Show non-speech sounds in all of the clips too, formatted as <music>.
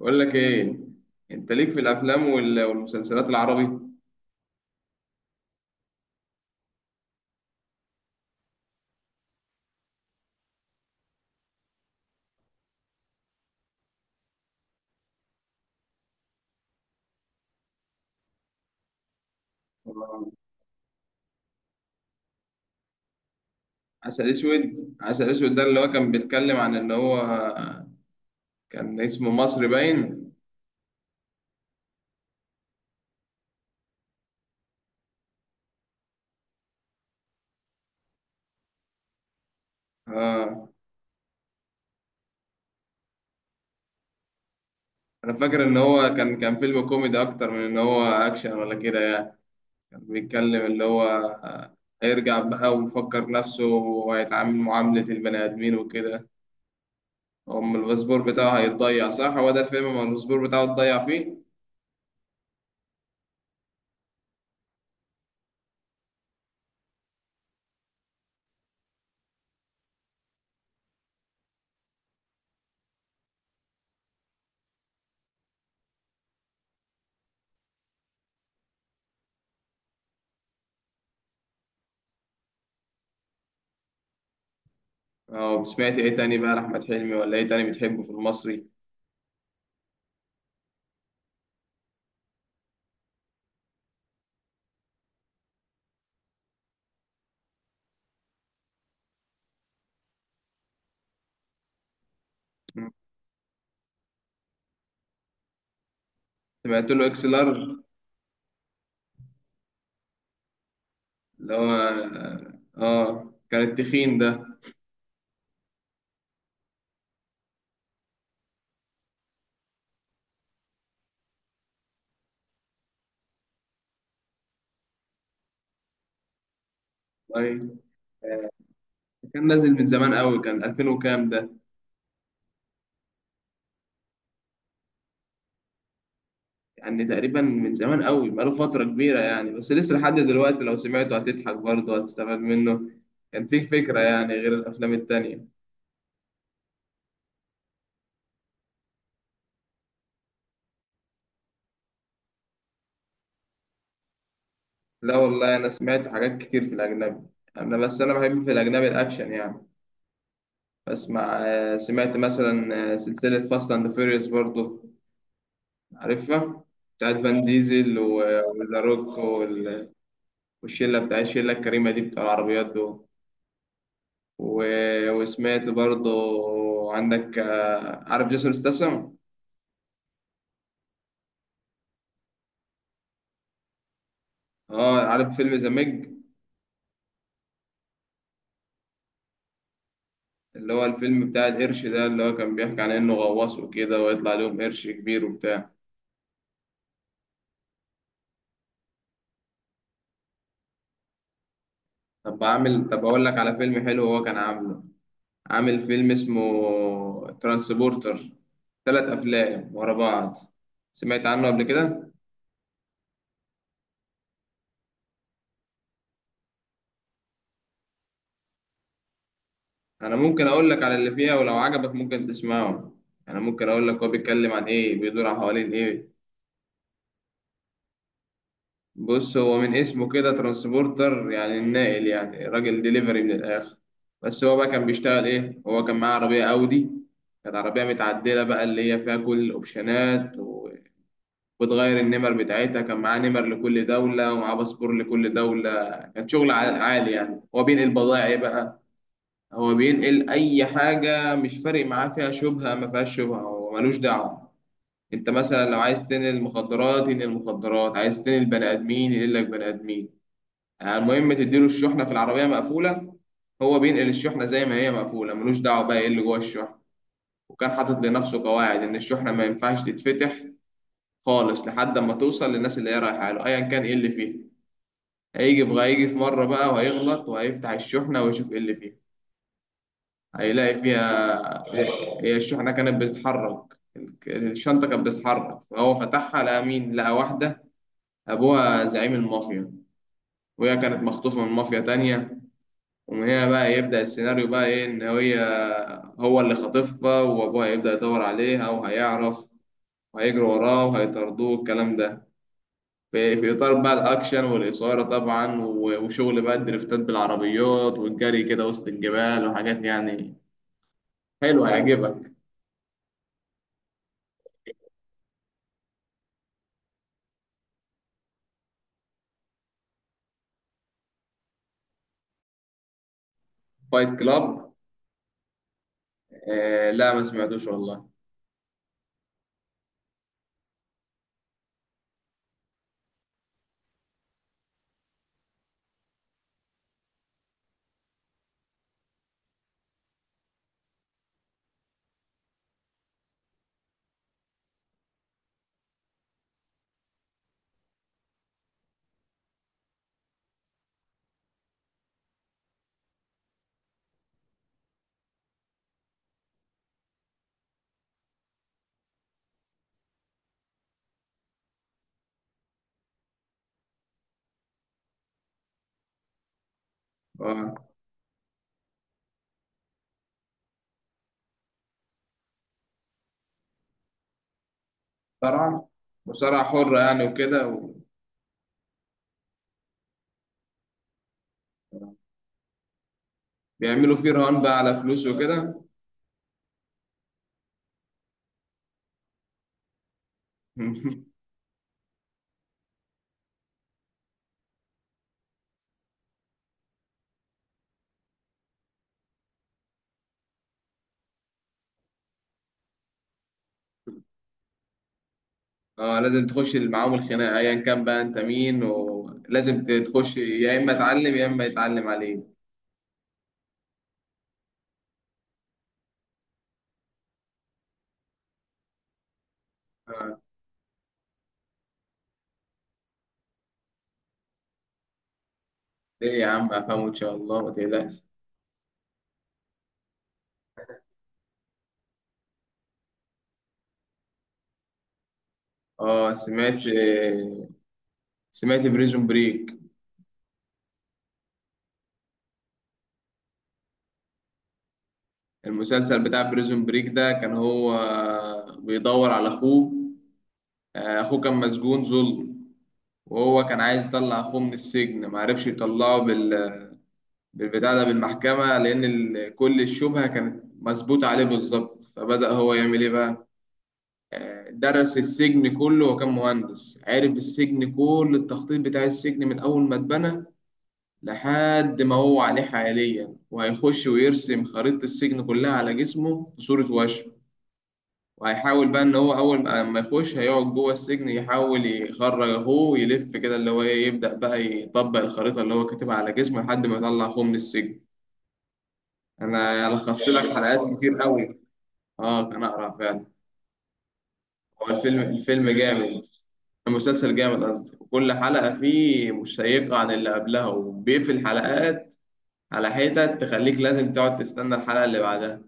بقول لك ايه. انت ليك في الافلام والمسلسلات العربي؟ عسل اسود، عسل اسود ده اللي هو كان بيتكلم عن ان هو كان اسمه مصر باين. اه، انا فاكر ان هو كان فيلم كوميدي اكتر من ان هو اكشن ولا كده يعني. كان بيتكلم اللي هو آه، هيرجع بقى ويفكر نفسه وهيتعامل معاملة البني ادمين وكده. هم الباسبور بتاعه هيتضيع؟ صح، هو ده الفيلم، ما الباسبور بتاعه اتضيع فيه. أو سمعت إيه تاني بقى لأحمد حلمي ولا إيه تاني بتحبه في المصري؟ مم. سمعت له إكس لارج، اللي هو كان التخين ده. طيب، آه، كان نازل من زمان قوي، كان 2000 وكام ده. يعني تقريبا من زمان قوي، بقاله فترة كبيرة يعني، بس لسه لحد دلوقتي لو سمعته هتضحك برضه، هتستفاد منه. كان فيه فكرة يعني غير الأفلام التانية. لا والله، أنا سمعت حاجات كتير في الأجنبي. أنا بس أنا بحب في الأجنبي الأكشن يعني. بسمع سمعت مثلا سلسلة فاست أند فيريوس برضو. عارفها؟ بتاعت فان ديزل وذا روك والشلة، بتاع الشلة الكريمة دي، بتاع العربيات دول. وسمعت برضو، عندك عارف جيسون ستاثام؟ اه، عارف فيلم ذا ميج، اللي هو الفيلم بتاع القرش ده، اللي هو كان بيحكي عن انه غواص وكده، ويطلع لهم قرش كبير وبتاع. طب اقول لك على فيلم حلو، هو كان عامله. عامل فيلم اسمه ترانسبورتر، ثلاث أفلام ورا بعض. سمعت عنه قبل كده؟ أنا ممكن أقول لك على اللي فيها، ولو عجبك ممكن تسمعه. أنا ممكن أقول لك هو بيتكلم عن إيه، بيدور عن حوالين إيه. بص، هو من اسمه كده ترانسبورتر يعني الناقل، يعني راجل ديليفري من الآخر. بس هو بقى كان بيشتغل إيه؟ هو كان معاه عربية أودي، كانت عربية متعدلة بقى، اللي هي فيها كل الأوبشنات وتغير النمر بتاعتها. كان معاه نمر لكل دولة ومعاه باسبور لكل دولة. كان شغل عالي يعني. هو بينقل بضائع إيه بقى؟ هو بينقل أي حاجة، مش فارق معاه فيها شبهة ما فيهاش شبهة، هو ملوش دعوة. أنت مثلا لو عايز تنقل مخدرات ينقل مخدرات، عايز تنقل بني آدمين ينقل لك بني آدمين، يعني المهم تديله الشحنة في العربية مقفولة. هو بينقل الشحنة زي ما هي مقفولة، ملوش دعوة بقى إيه اللي جوه الشحنة. وكان حاطط لنفسه قواعد إن الشحنة ما ينفعش تتفتح خالص لحد ما توصل للناس اللي هي رايحة له أيا كان إيه اللي فيه. هيجي في مرة بقى، وهيغلط وهيفتح الشحنة ويشوف إيه اللي فيها. هيلاقي فيها، هي الشحنة كانت بتتحرك، الشنطة كانت بتتحرك، فهو فتحها لقى مين؟ لقى واحدة أبوها زعيم المافيا، وهي كانت مخطوفة من مافيا تانية. ومن هنا بقى يبدأ السيناريو بقى إيه، إن هي هو اللي خاطفها، وأبوها يبدأ يدور عليها وهيعرف، وهيجري وراه وهيطاردوه، الكلام ده. في اطار بقى الاكشن والاثاره طبعا، وشغل بقى الدريفتات بالعربيات والجري كده وسط الجبال وحاجات يعني. حلو، هيعجبك. فايت كلاب؟ لا ما سمعتوش والله. آه، مصارعه مصارعه حره يعني وكده بيعملوا فيه رهان بقى على فلوس وكده. <laughs> اه لازم تخش معاهم الخناقه ايا كان بقى انت مين، ولازم تخش، يا اما اتعلم يا اما يتعلم عليك. آه. ايه يا عم افهمه ان شاء الله، ما تقلقش. اه، سمعت بريزون بريك. المسلسل بتاع بريزون بريك ده كان هو بيدور على اخوه. اخوه كان مسجون ظلم، وهو كان عايز يطلع اخوه من السجن، معرفش يطلعه بالبتاع ده، بالمحكمة، لان كل الشبهة كانت مثبوتة عليه بالظبط. فبدأ هو يعمل ايه بقى؟ درس السجن كله، وكان مهندس عرف السجن، كل التخطيط بتاع السجن من اول ما اتبنى لحد ما هو عليه حاليا. وهيخش ويرسم خريطة السجن كلها على جسمه في صورة وشم. وهيحاول بقى إن هو أول ما يخش هيقعد جوه السجن يحاول يخرج أخوه ويلف كده، اللي هو إيه، يبدأ بقى يطبق الخريطة اللي هو كاتبها على جسمه لحد ما يطلع أخوه من السجن. أنا لخصت يعني لك، كان حلقات أقرأ كتير قوي. آه كان أقرع فعلا. هو الفيلم فيلم جامد جامد. المسلسل جامد قصدي، وكل حلقة فيه مشيقة عن اللي قبلها، وبيقفل حلقات على حتة تخليك لازم تقعد تستنى الحلقة اللي بعدها.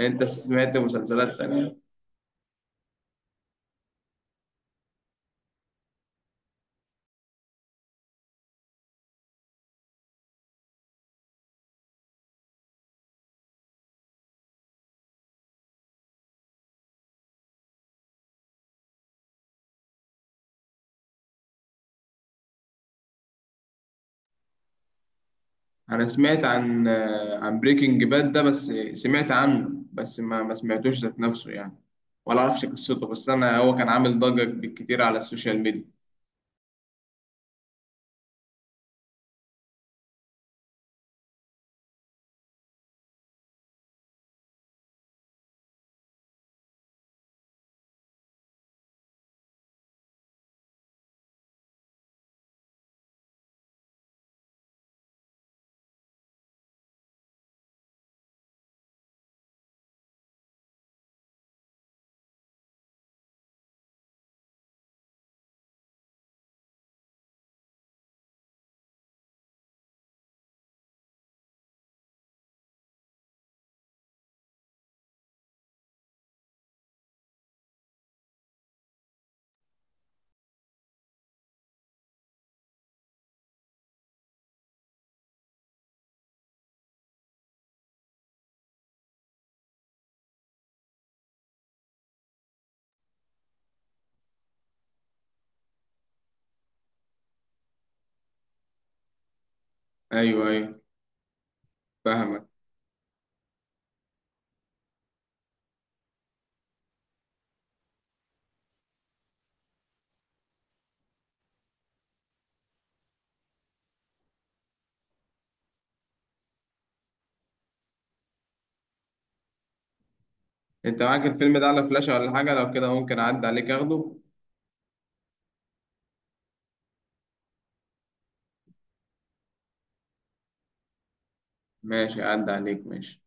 انت سمعت مسلسلات تانية؟ انا سمعت عن عن بريكنج باد ده، بس سمعت عنه بس ما سمعتوش ذات نفسه يعني، ولا اعرفش قصته. بس انا هو كان عامل ضجة بالكتير على السوشيال ميديا. ايوه ايوه. فاهمك. انت معاك الفيلم ده على فلاشة ولا حاجة؟ لو كده ممكن اعدي عليك اخده. ماشي، اعدي عليك ماشي.